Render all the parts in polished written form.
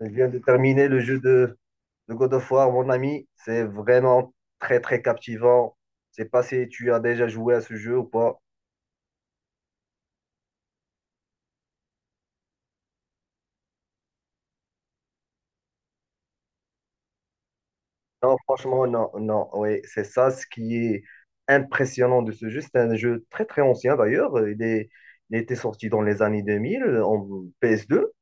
Je viens de terminer le jeu de God of War, mon ami. C'est vraiment très, très captivant. Je sais pas si tu as déjà joué à ce jeu ou pas. Non, franchement, non, non. Oui, c'est ça ce qui est impressionnant de ce jeu. C'est un jeu très, très ancien d'ailleurs. Il était sorti dans les années 2000 en PS2.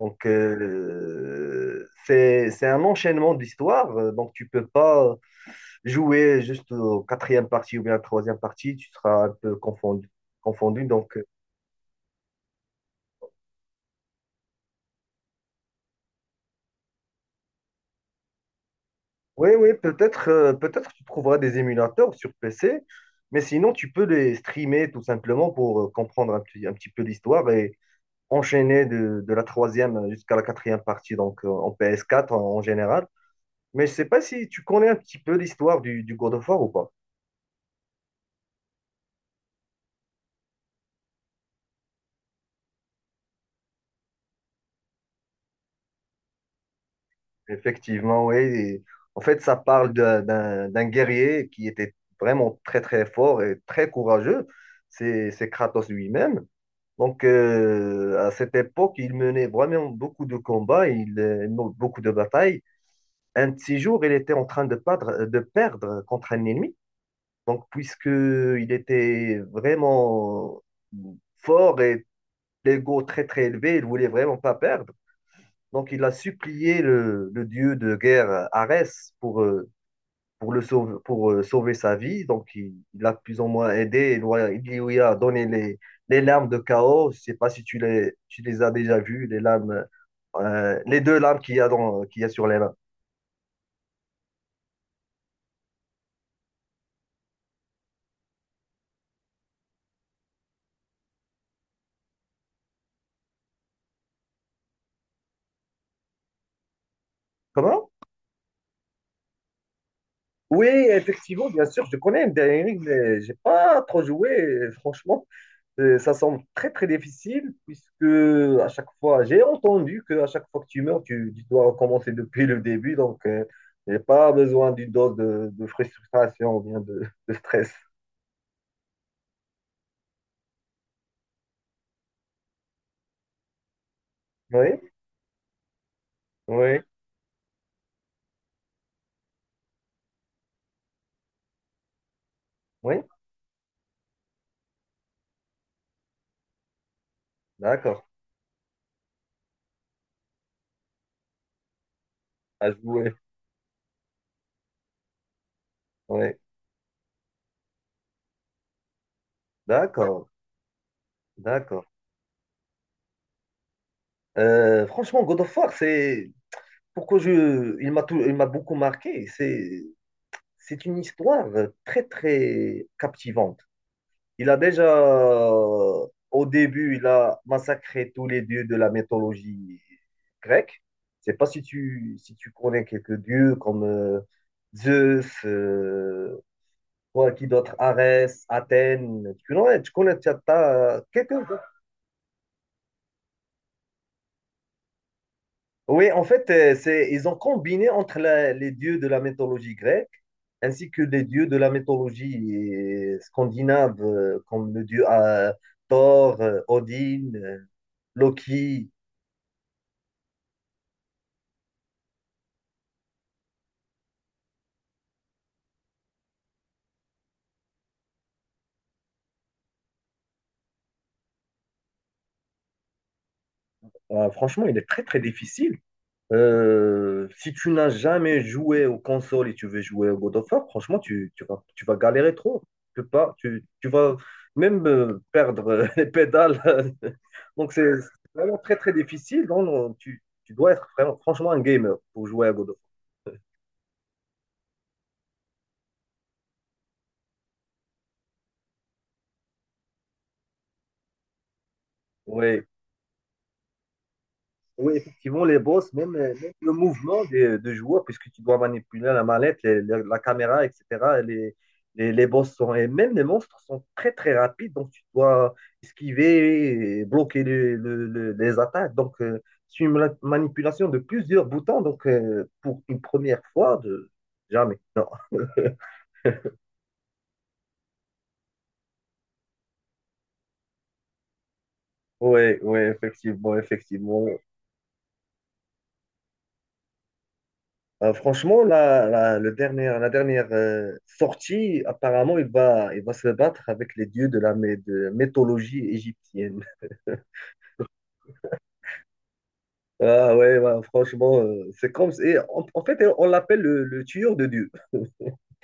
Donc, c'est un enchaînement d'histoires. Donc, tu peux pas jouer juste au quatrième partie ou bien à la troisième partie. Tu seras un peu confondu. Donc. Oui, oui, peut-être tu trouveras des émulateurs sur PC, mais sinon tu peux les streamer tout simplement pour comprendre un petit peu l'histoire et enchaîner de la troisième jusqu'à la quatrième partie, donc en PS4 en général. Mais je sais pas si tu connais un petit peu l'histoire du God of War ou pas. Effectivement, oui. En fait, ça parle d'un guerrier qui était vraiment très très fort et très courageux. C'est Kratos lui-même. Donc, à cette époque, il menait vraiment beaucoup de combats, beaucoup de batailles. Un de ces jours, il était en train de perdre contre un ennemi. Donc, puisqu'il était vraiment fort et l'ego très, très élevé, il voulait vraiment pas perdre. Donc, il a supplié le dieu de guerre, Arès, pour le sauver, pour sauver sa vie. Donc, il a plus ou moins aidé. Il lui a donné les lames de chaos. Je sais pas si tu les as déjà vues, les deux lames qu'il y a sur les mains. Comment? Oui, effectivement, bien sûr, je connais Elden Ring, mais j'ai pas trop joué, franchement. Ça semble très très difficile puisque à chaque fois, j'ai entendu que à chaque fois que tu meurs, tu dois recommencer depuis le début. Donc, j'ai pas besoin d'une dose de frustration ou bien de stress. Oui, oui, oui. D'accord. À jouer. Oui. D'accord, d'accord. Franchement, God of War, c'est pourquoi je, il m'a tout- il m'a beaucoup marqué. C'est une histoire très très captivante. Il a déjà, au début, il a massacré tous les dieux de la mythologie grecque. Je sais pas si si tu connais quelques dieux comme Zeus, quoi, qui d'autre, Arès, Athènes. Tu connais, t'as quelqu'un, toi? Oui, en fait, ils ont combiné entre les dieux de la mythologie grecque ainsi que les dieux de la mythologie scandinave, comme le dieu Thor, Odin, Loki. Franchement, il est très très difficile. Si tu n'as jamais joué aux consoles et tu veux jouer au God of War, franchement, tu vas galérer trop. Tu peux pas, tu vas même perdre les pédales. Donc, c'est vraiment très très difficile. Donc, tu dois être franchement un gamer pour jouer à God of War. Oui, Oui, effectivement, les boss, même le mouvement des joueurs, puisque tu dois manipuler la mallette, la caméra, etc. Les, les boss sont, et même les monstres sont très très rapides, donc tu dois esquiver et bloquer les attaques. Donc, c'est une manipulation de plusieurs boutons, donc pour une première fois, de, jamais. Non. Oui, oui, effectivement, effectivement. Franchement, la dernière sortie, apparemment, il va se battre avec les dieux de mythologie égyptienne. Ah ouais, ouais, franchement, c'est comme si, et en fait, on l'appelle le tueur de dieux.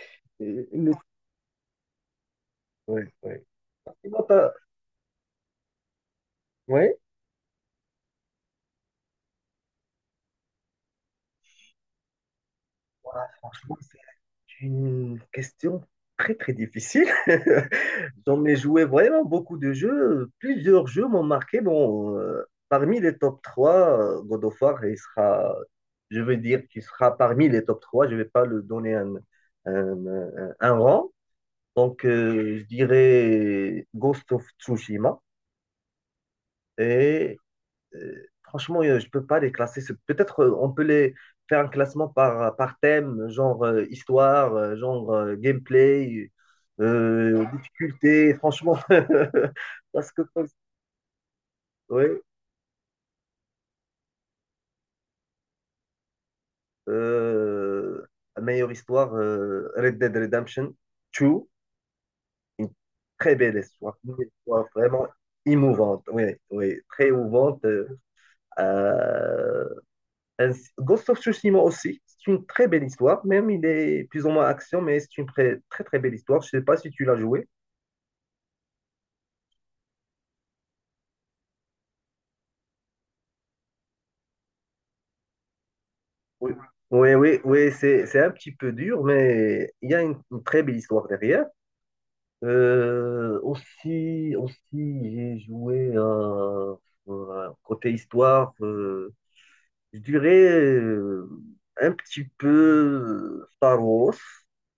Et- et nous- Ouais, ouais. Sinon, ouais. Voilà, franchement, une question très très difficile. J'en ai joué vraiment beaucoup de jeux. Plusieurs jeux m'ont marqué. Bon, parmi les top 3 God of War, je veux dire qu'il sera parmi les top trois. Je ne vais pas le donner un, un rang. Donc, je dirais Ghost of Tsushima et franchement, je peux pas les classer. Peut-être on peut les faire un classement par, par thème, genre histoire, genre gameplay, difficulté, franchement. Parce que, ouais, euh, meilleure histoire, Red Dead Redemption 2, une très belle histoire, une histoire vraiment émouvante, oui, oui, très émouvante. euh, Euh, Ghost of Tsushima aussi, c'est une très belle histoire, même il est plus ou moins action, mais c'est une très très, très belle histoire. Je ne sais pas si tu l'as joué. Oui, oui, oui, oui, c'est un petit peu dur, mais il y a une très belle histoire derrière. Aussi, j'ai joué côté histoire. Je dirais un petit peu Star Wars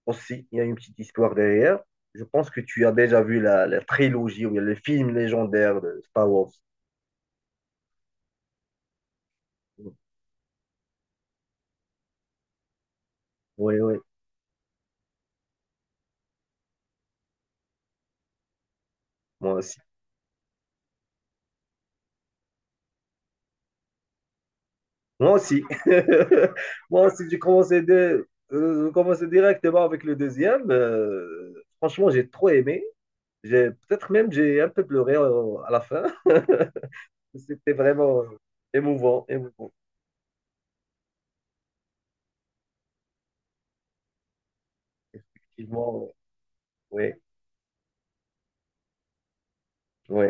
aussi. Il y a une petite histoire derrière. Je pense que tu as déjà vu la trilogie ou bien le film légendaire de Star Wars. Oui, oui, moi aussi. Moi aussi. Moi aussi, j'ai commencé directement avec le deuxième. Franchement, j'ai trop aimé. Peut-être même j'ai un peu pleuré à la fin. C'était vraiment émouvant, émouvant. Effectivement, oui, oui.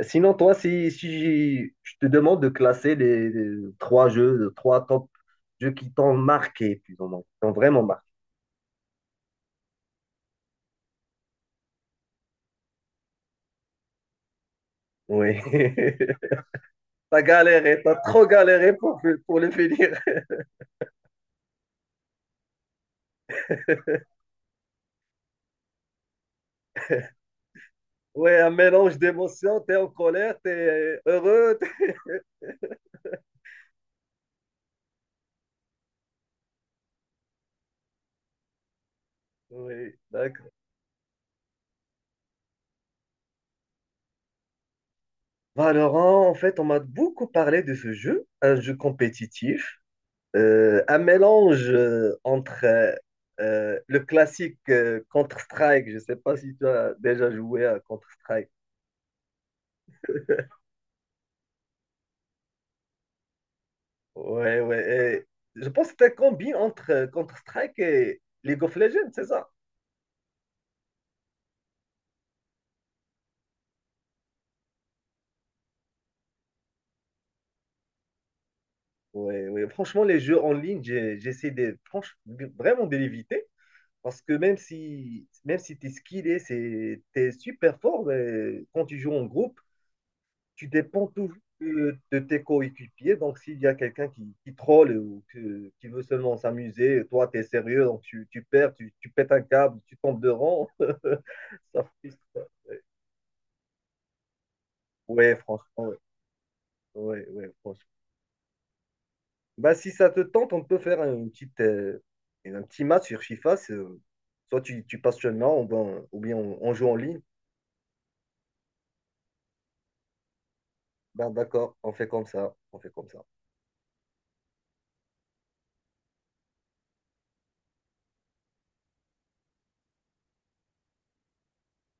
Sinon, toi, si je te demande de classer les trois top jeux qui t'ont marqué, plus ou moins, qui t'ont vraiment marqué. Oui. T'as trop galéré pour le finir. Oui, un mélange d'émotions, t'es en colère, t'es heureux. Oui, d'accord. Valorant, en fait, on m'a beaucoup parlé de ce jeu, un jeu compétitif. Un mélange entre le classique Counter-Strike, je ne sais pas si tu as déjà joué à Counter-Strike. Ouais, ouais. Et je pense que c'est un combi entre Counter-Strike et League of Legends, c'est ça? Ouais, ouais. Franchement, les jeux en ligne, j'essaie vraiment de l'éviter parce que même si tu es skillé, tu es super fort, mais quand tu joues en groupe, tu dépends toujours de tes coéquipiers. Donc, s'il y a quelqu'un qui troll ou qui veut seulement s'amuser, toi, tu es sérieux, donc tu perds, tu pètes un câble, tu tombes de rang. Ça frustre. Ouais, franchement, ouais. Ouais, ouais, franchement. Bah, si ça te tente, on peut faire un petit match sur FIFA. Soit tu passes chez moi, ou bien on joue en ligne. Bah, d'accord, on fait comme ça. On fait comme ça.